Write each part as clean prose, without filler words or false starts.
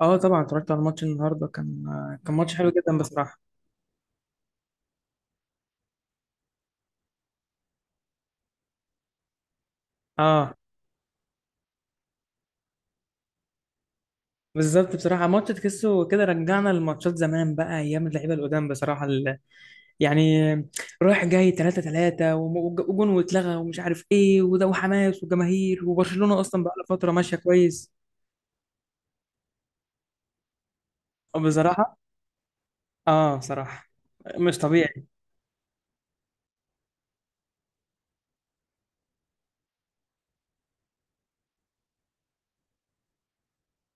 اه طبعا اتفرجت على الماتش النهارده كان ماتش حلو جدا بصراحه. اه بالظبط بصراحه، ماتش تحسه كده رجعنا لماتشات زمان بقى، ايام اللعيبه القدام بصراحه. يعني رايح جاي 3-3 وجون واتلغى، ومش عارف ايه وده، وحماس وجماهير، وبرشلونه اصلا بقى لها فتره ماشيه كويس. آه، بصراحه. اه صراحه مش طبيعي.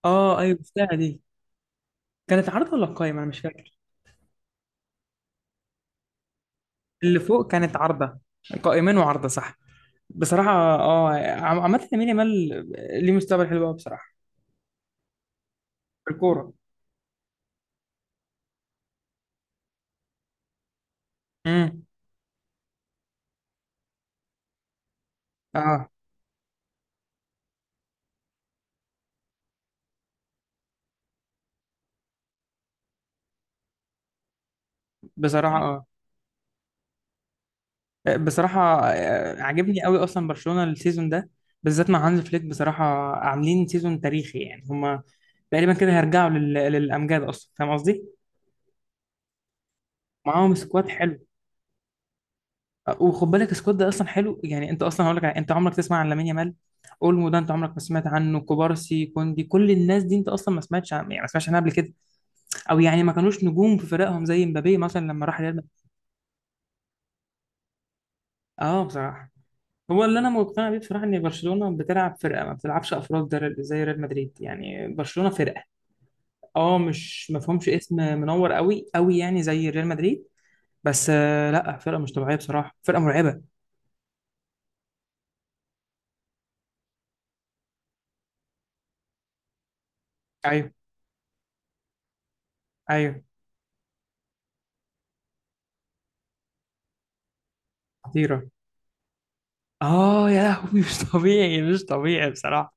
اه ايوه، بتاع دي. كانت عارضه ولا قايمه؟ انا مش فاكر. اللي فوق كانت عارضه. قائمين وعارضه صح. بصراحة عامة لامين يامال ليه مستقبل حلو قوي بصراحة في الكورة. امم. اه بصراحة. اه بصراحة آه، عاجبني قوي اصلا برشلونة السيزون ده، بالذات مع هانز فليك بصراحة. عاملين سيزون تاريخي يعني هما. تقريبا كده هيرجعوا للامجاد، اصلا فاهم قصدي؟ معاهم سكواد حلو. آه، وخد بالك السكواد ده اصلا حلو، يعني انت اصلا هقول لك انت عمرك تسمع عن لامين يامال، اولمو ده انت عمرك ما سمعت عنه، كوبارسي، كوندي، كل الناس دي انت اصلا ما سمعتش يعني ما سمعتش عنها قبل كده. او يعني ما كانوش نجوم في فرقهم زي مبابي مثلا لما راح ريال مدريد. اه بصراحه. هو اللي انا مقتنع بيه بصراحه ان برشلونه بتلعب فرقه، ما بتلعبش افراد زي ريال مدريد. يعني برشلونه فرقه. اه مش مفهومش اسم منور قوي قوي يعني زي ريال مدريد، بس آه لا، فرقه مش طبيعيه بصراحه، فرقه مرعبه. ايوه ايوه. خطيره. اه يا لهوي مش طبيعي مش طبيعي بصراحه.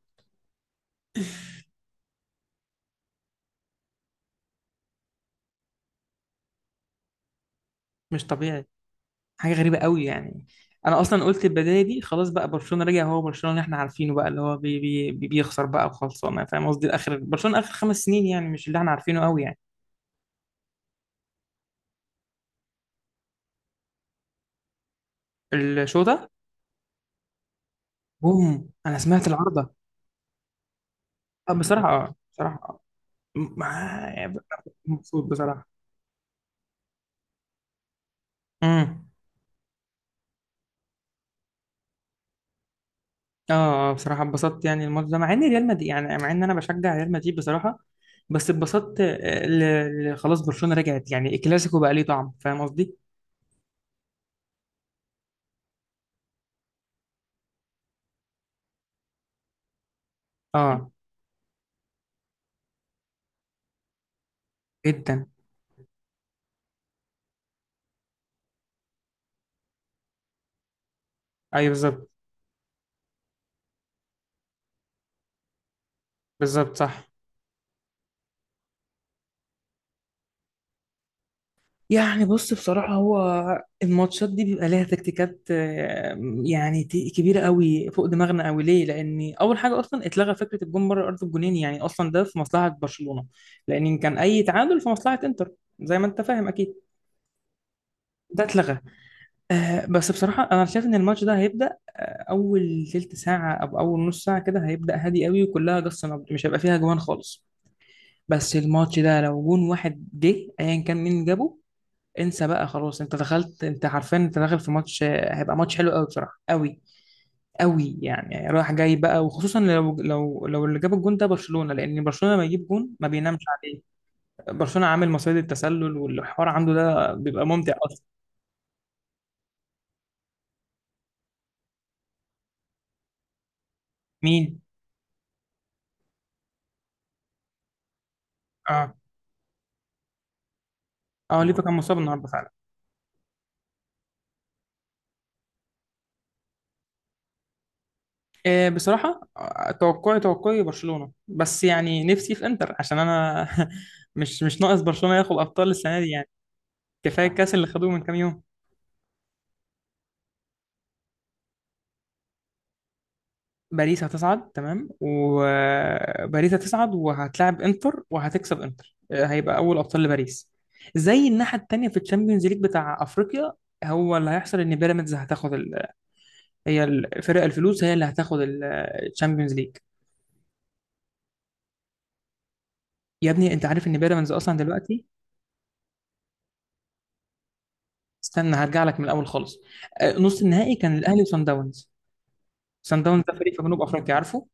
مش طبيعي. حاجه غريبه قوي يعني. انا اصلا قلت البدايه دي خلاص بقى، برشلونه رجع، هو برشلونه اللي احنا عارفينه بقى، اللي هو بيخسر بقى وخلصانه، فاهم قصدي؟ الاخر برشلونه اخر 5 سنين يعني، مش اللي احنا عارفينه قوي يعني. الشو ده. بوم، انا سمعت العارضه. آه، بصراحه. اه بصراحه آه. م- ما- مبسوط بصراحه. امم. اه آه، بصراحه اتبسطت يعني الماتش ده، مع ان ريال مدريد، يعني مع ان انا بشجع ريال مدريد بصراحه، بس اتبسطت آه، خلاص برشلونه رجعت يعني، الكلاسيكو بقى ليه طعم، فاهم قصدي؟ اه جدا. ايوه بالظبط. بالظبط صح. يعني بص بصراحة هو الماتشات دي بيبقى ليها تكتيكات آه، يعني كبيرة قوي فوق دماغنا قوي. ليه؟ لأن أول حاجة أصلا اتلغى فكرة الجون بره أرض الجونين، يعني أصلا ده في مصلحة برشلونة، لأن إن كان أي تعادل في مصلحة إنتر، زي ما أنت فاهم أكيد. ده اتلغى. آه بس بصراحة أنا شايف إن الماتش ده هيبدأ أول تلت ساعة أو أول نص ساعة كده، هيبدأ هادي قوي وكلها جس نبض، مش هيبقى فيها جوان خالص. بس الماتش ده لو جون واحد جه أيا كان مين جابه، انسى بقى خلاص، انت دخلت، انت عارفين انت داخل في ماتش هيبقى ماتش حلو قوي بصراحه، قوي قوي يعني. يعني رايح جاي بقى، وخصوصا لو اللي جاب الجون ده برشلونه، لان برشلونه لما يجيب جون ما بينامش عليه. برشلونه عامل مصيدة التسلل والحوار عنده ده بيبقى ممتع اصلا. مين؟ اه. اه ليفا كان مصاب النهارده فعلا. آه بصراحه آه، توقعي توقعي برشلونه، بس يعني نفسي في انتر عشان انا مش ناقص برشلونه ياخد ابطال السنه دي يعني. كفايه الكاس اللي خدوه من كام يوم. باريس هتصعد، تمام. وباريس هتصعد وهتلاعب انتر وهتكسب، انتر هيبقى اول ابطال لباريس. زي الناحيه التانيه في الشامبيونز ليج بتاع افريقيا، هو اللي هيحصل ان بيراميدز هتاخد. هي الفرق الفلوس هي اللي هتاخد الشامبيونز ليج. يا ابني انت عارف ان بيراميدز اصلا دلوقتي. استنى هرجع لك من الاول خالص. آه، نص النهائي كان الاهلي وصن داونز. صن داونز ده فريق في جنوب افريقيا، عارفه؟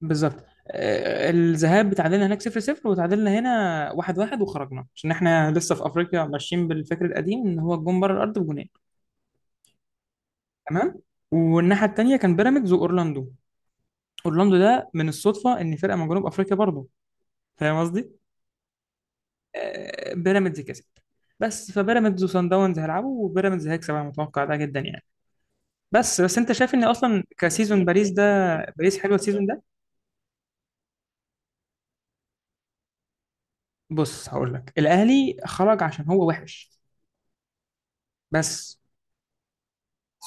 بالظبط. آه، الذهاب اتعادلنا هناك 0-0، وتعادلنا هنا 1-1، وخرجنا عشان احنا لسه في افريقيا ماشيين بالفكر القديم ان هو الجون بره الارض بجونين. تمام. والناحيه التانيه كان بيراميدز واورلاندو. اورلاندو ده من الصدفه ان فرقه من جنوب افريقيا برضه، فاهم قصدي؟ آه، بيراميدز كسب. بس فبيراميدز وصن داونز هيلعبوا، وبيراميدز هيكسب، انا متوقع ده جدا يعني. بس بس انت شايف ان اصلا كسيزون باريس ده، باريس حلوه السيزون ده. بص هقول لك الاهلي خرج عشان هو وحش بس.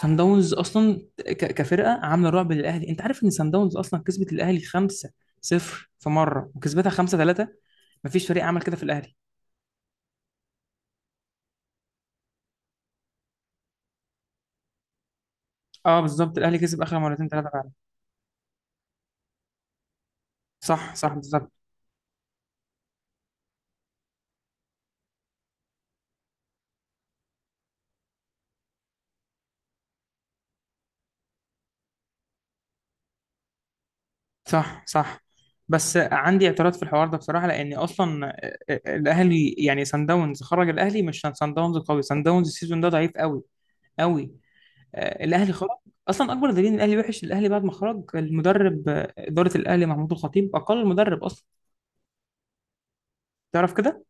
سان داونز اصلا كفرقه عامله رعب للاهلي. انت عارف ان سان داونز اصلا كسبت الاهلي 5-0 في مره، وكسبتها 5-3، مفيش فريق عمل كده في الاهلي. اه بالظبط الاهلي كسب اخر مرتين ثلاثه فعلا. صح صح بالظبط. صح صح. بس عندي اعتراض في الحوار ده بصراحه، لان اصلا آه، آه، الاهلي، يعني سان داونز خرج الاهلي، مش سان داونز قوي، سان داونز السيزون ده ضعيف قوي قوي. آه، الاهلي خرج اصلا. اكبر دليل ان الاهلي وحش، الاهلي بعد ما خرج المدرب آه، اداره الاهلي، محمود الخطيب، اقل مدرب اصلا تعرف كده.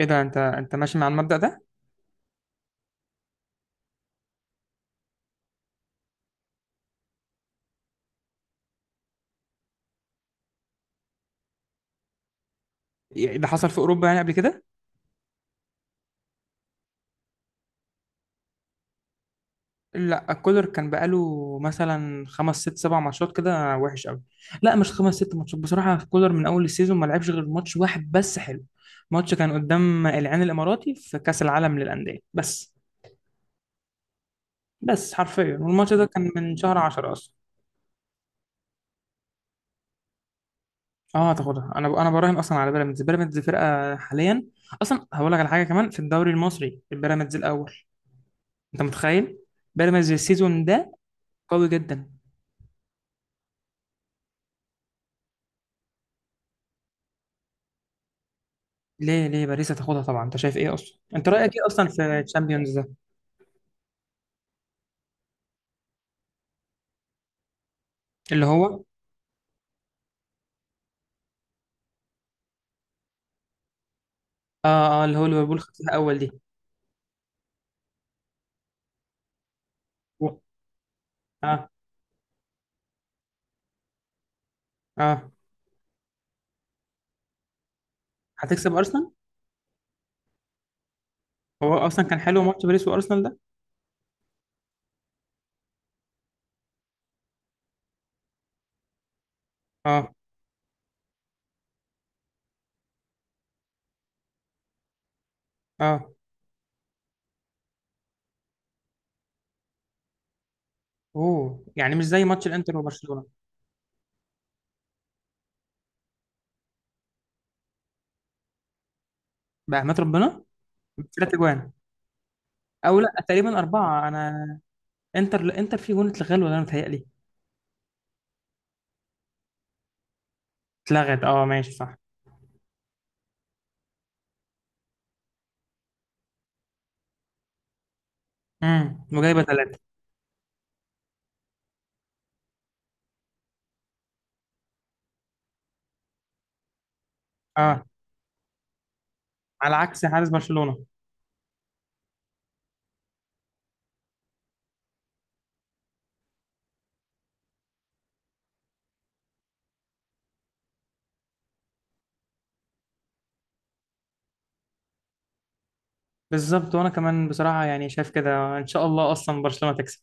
ايه ده، انت انت ماشي مع المبدأ ده؟ يعني ده حصل في اوروبا يعني قبل كده. لا، كولر كان بقاله مثلا خمس ست سبع ماتشات كده وحش قوي. لا مش خمس ست ماتشات بصراحة، كولر من اول السيزون ما لعبش غير ماتش واحد بس حلو، ماتش كان قدام العين الاماراتي في كأس العالم للأندية بس، بس حرفيا والماتش ده كان من شهر 10 اصلا. اه هتاخدها، انا براهن اصلا على بيراميدز، بيراميدز فرقة حاليا. اصلا هقول لك على حاجة كمان، في الدوري المصري البيراميدز الاول، انت متخيل بيراميدز السيزون ده قوي جدا. ليه ليه باريس هتاخدها طبعا، انت شايف ايه اصلا، انت رايك ايه اصلا في الشامبيونز ده؟ اللي هو. اه اه اللي هو ليفربول خدتها اول دي. و- اه اه هتكسب ارسنال. هو اصلا كان حلو ماتش باريس وارسنال ده. اه اه. اوه يعني مش زي ماتش الانتر وبرشلونه. بأمانة ربنا. ثلاث اجوان. او لا تقريبا اربعه، انا. انتر انتر فيه جون اتلغى ولا انا متهيألي؟ اتلغت اه ماشي صح. وجايبه ثلاثه. اه، على عكس حارس برشلونه. بالظبط، وانا كمان بصراحه يعني شايف كده ان شاء الله اصلا برشلونه تكسب.